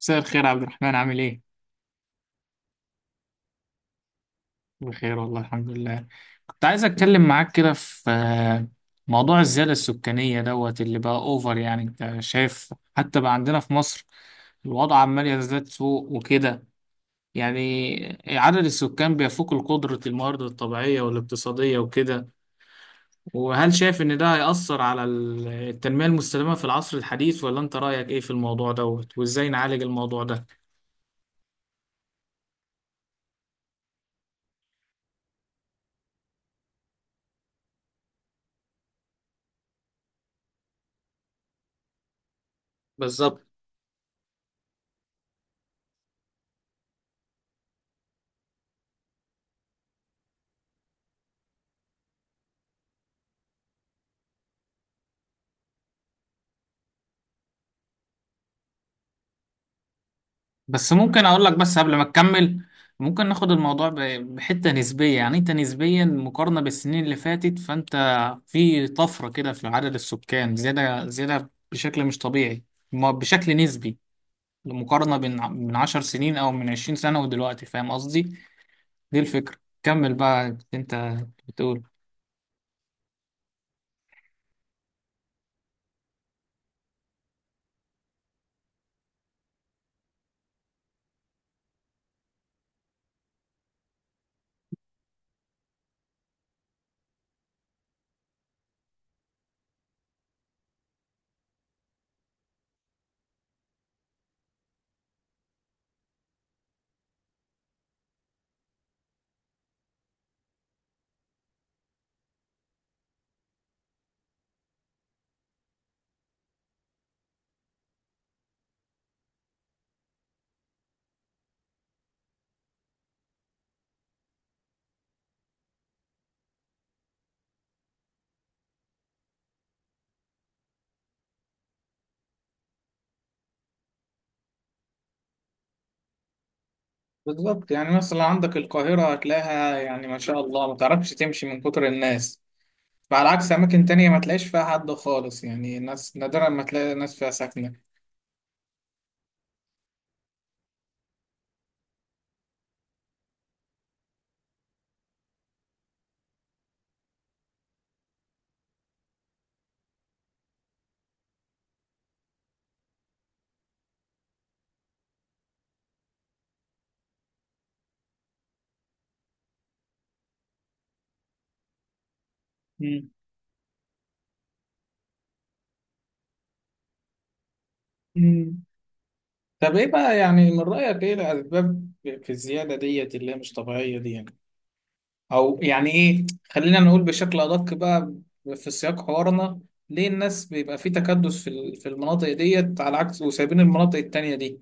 مساء الخير يا عبد الرحمن، عامل ايه؟ بخير والله، الحمد لله. كنت عايز اتكلم معاك كده في موضوع الزيادة السكانية دوت اللي بقى اوفر. يعني انت شايف حتى بقى عندنا في مصر الوضع عمال يزداد سوء وكده. يعني عدد السكان بيفوق القدرة، الموارد الطبيعية والاقتصادية وكده. وهل شايف ان ده هيأثر على التنمية المستدامة في العصر الحديث، ولا انت رأيك ايه في الموضوع دوت وازاي نعالج الموضوع ده؟ بالظبط. بس ممكن اقول لك بس قبل ما تكمل، ممكن ناخد الموضوع بحتة نسبية، يعني انت نسبيا مقارنة بالسنين اللي فاتت، فانت في طفرة كده في عدد السكان، زيادة زيادة بشكل مش طبيعي، بشكل نسبي. المقارنة بين من 10 سنين او من 20 سنة ودلوقتي، فاهم قصدي. دي الفكرة. كمل بقى انت، بتقول. بالظبط، يعني مثلا عندك القاهرة هتلاقيها يعني ما شاء الله ما تعرفش تمشي من كتر الناس، فعلى عكس أماكن تانية ما تلاقيش فيها حد خالص، يعني ناس نادرا ما تلاقي ناس فيها ساكنة. مم. مم. طب إيه بقى، يعني من رأيك إيه الأسباب في الزيادة ديت اللي هي مش طبيعية دي، يعني أو يعني إيه، خلينا نقول بشكل أدق بقى في سياق حوارنا، ليه الناس بيبقى في تكدس في في المناطق ديت على عكس وسايبين المناطق التانية دي؟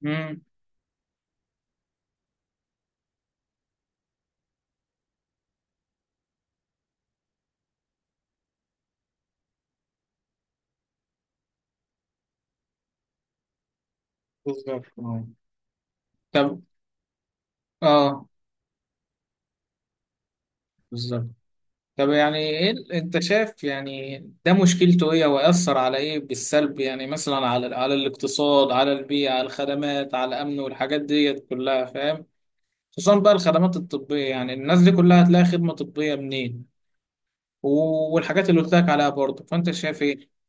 مم. بالظبط آه. طب آه بالظبط. طب يعني ايه انت شايف يعني ده مشكلته ايه، ويأثر على ايه بالسلب، يعني مثلا على الاقتصاد، على البيئة، على الخدمات، على الأمن والحاجات دي كلها فاهم؟ خصوصا بقى الخدمات الطبية، يعني الناس دي كلها هتلاقي خدمة طبية منين؟ والحاجات اللي قلت لك عليها برضه، فانت شايف ايه؟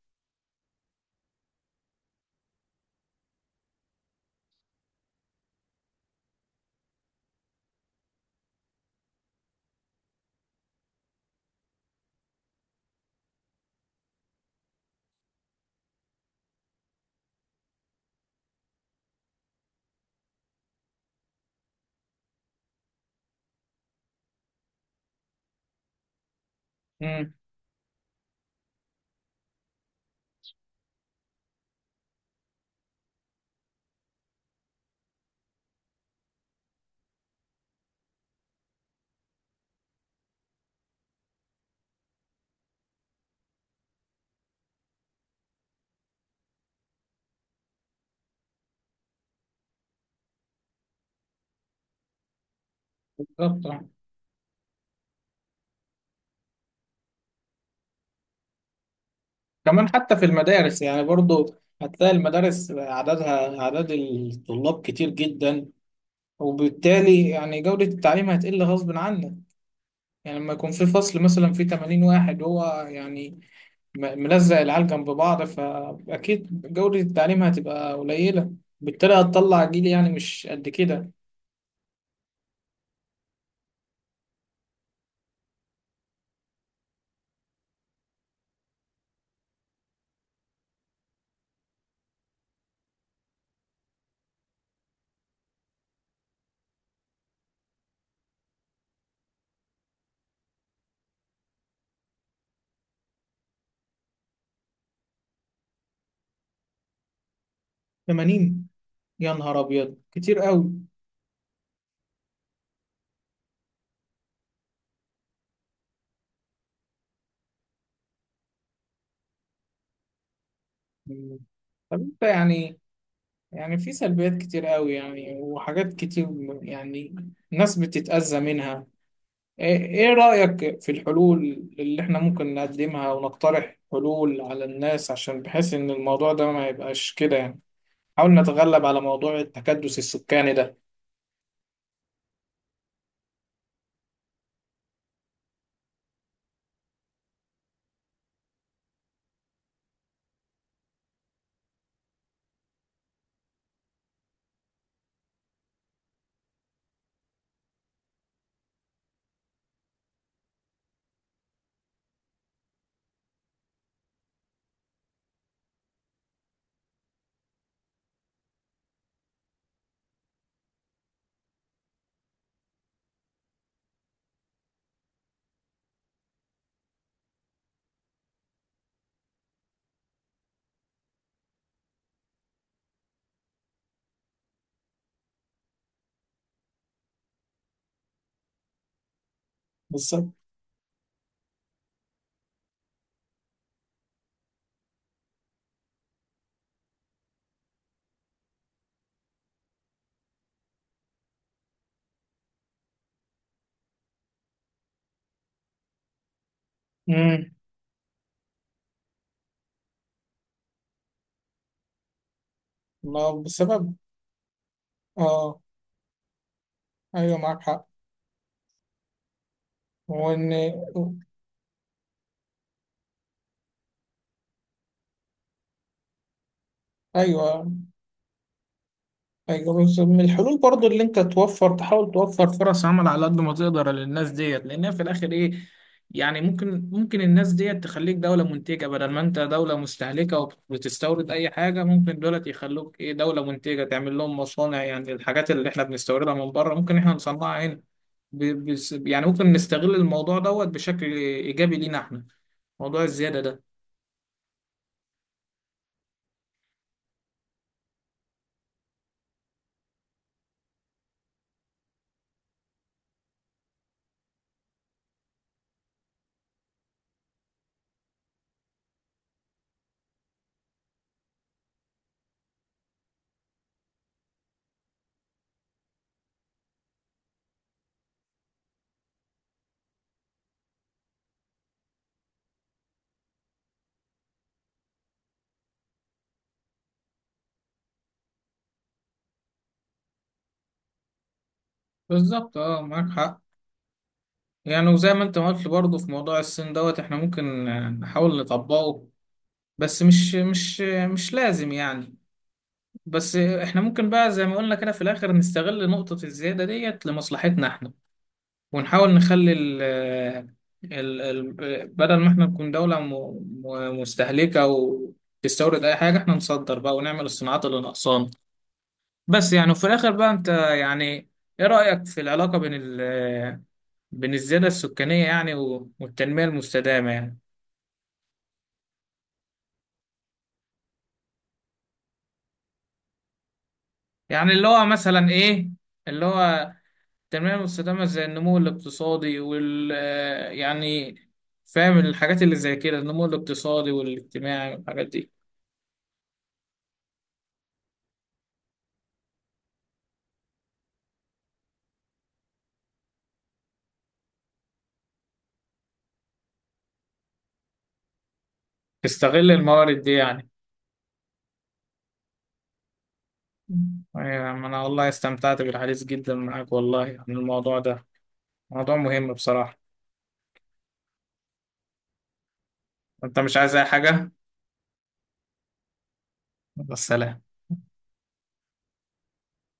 امم. بالظبط آه. كمان حتى في المدارس يعني برضه هتلاقي المدارس عددها عدد الطلاب كتير جدا، وبالتالي يعني جودة التعليم هتقل غصب عنك. يعني لما يكون في فصل مثلا فيه 80 واحد، هو يعني ملزق العيال جنب بعض، فأكيد جودة التعليم هتبقى قليلة، بالتالي هتطلع جيل يعني مش قد كده. 80؟ يا نهار أبيض، كتير قوي. مم. طب انت يعني في سلبيات كتير قوي يعني وحاجات كتير، يعني ناس بتتأذى منها. ايه رأيك في الحلول اللي احنا ممكن نقدمها، ونقترح حلول على الناس عشان بحيث ان الموضوع ده ما يبقاش كده، يعني حاول نتغلب على موضوع التكدس السكاني ده. بالظبط. امم. ما هو بسبب، اه، ايوه معاك حق. وان، ايوه. أيوة، بس من الحلول برضو اللي انت توفر، تحاول توفر فرص عمل على قد ما تقدر للناس ديت، لانها في الاخر ايه، يعني ممكن الناس ديت تخليك دولة منتجة بدل ما انت دولة مستهلكة وبتستورد اي حاجة. ممكن دولت يخلوك ايه دولة منتجة، تعمل لهم مصانع، يعني الحاجات اللي احنا بنستوردها من بره ممكن احنا نصنعها هنا. يعني ممكن نستغل الموضوع دوت بشكل ايجابي لينا احنا، موضوع الزيادة ده. بالظبط، اه، معاك حق. يعني وزي ما انت ما قلت برضه في موضوع الصين دوت احنا ممكن نحاول نطبقه، بس مش لازم يعني. بس احنا ممكن بقى زي ما قلنا كده في الاخر نستغل نقطة الزيادة ديت لمصلحتنا احنا، ونحاول نخلي ال آه، ال ال آه، بدل ما احنا نكون دولة مستهلكة او تستورد اي حاجة، احنا نصدر بقى ونعمل الصناعات اللي ناقصانا. بس يعني، وفي الاخر بقى انت يعني ايه رأيك في العلاقة بين الزيادة السكانية يعني والتنمية المستدامة يعني. يعني اللي هو مثلا إيه اللي هو التنمية المستدامة، زي النمو الاقتصادي وال آه، يعني فاهم الحاجات اللي زي كده النمو الاقتصادي والاجتماعي والحاجات دي. تستغل الموارد دي يعني. أيوة، ما أنا والله استمتعت بالحديث جدا معاك والله عن الموضوع ده، موضوع مهم بصراحة. أنت مش عايز أي حاجة؟ يلا، سلام.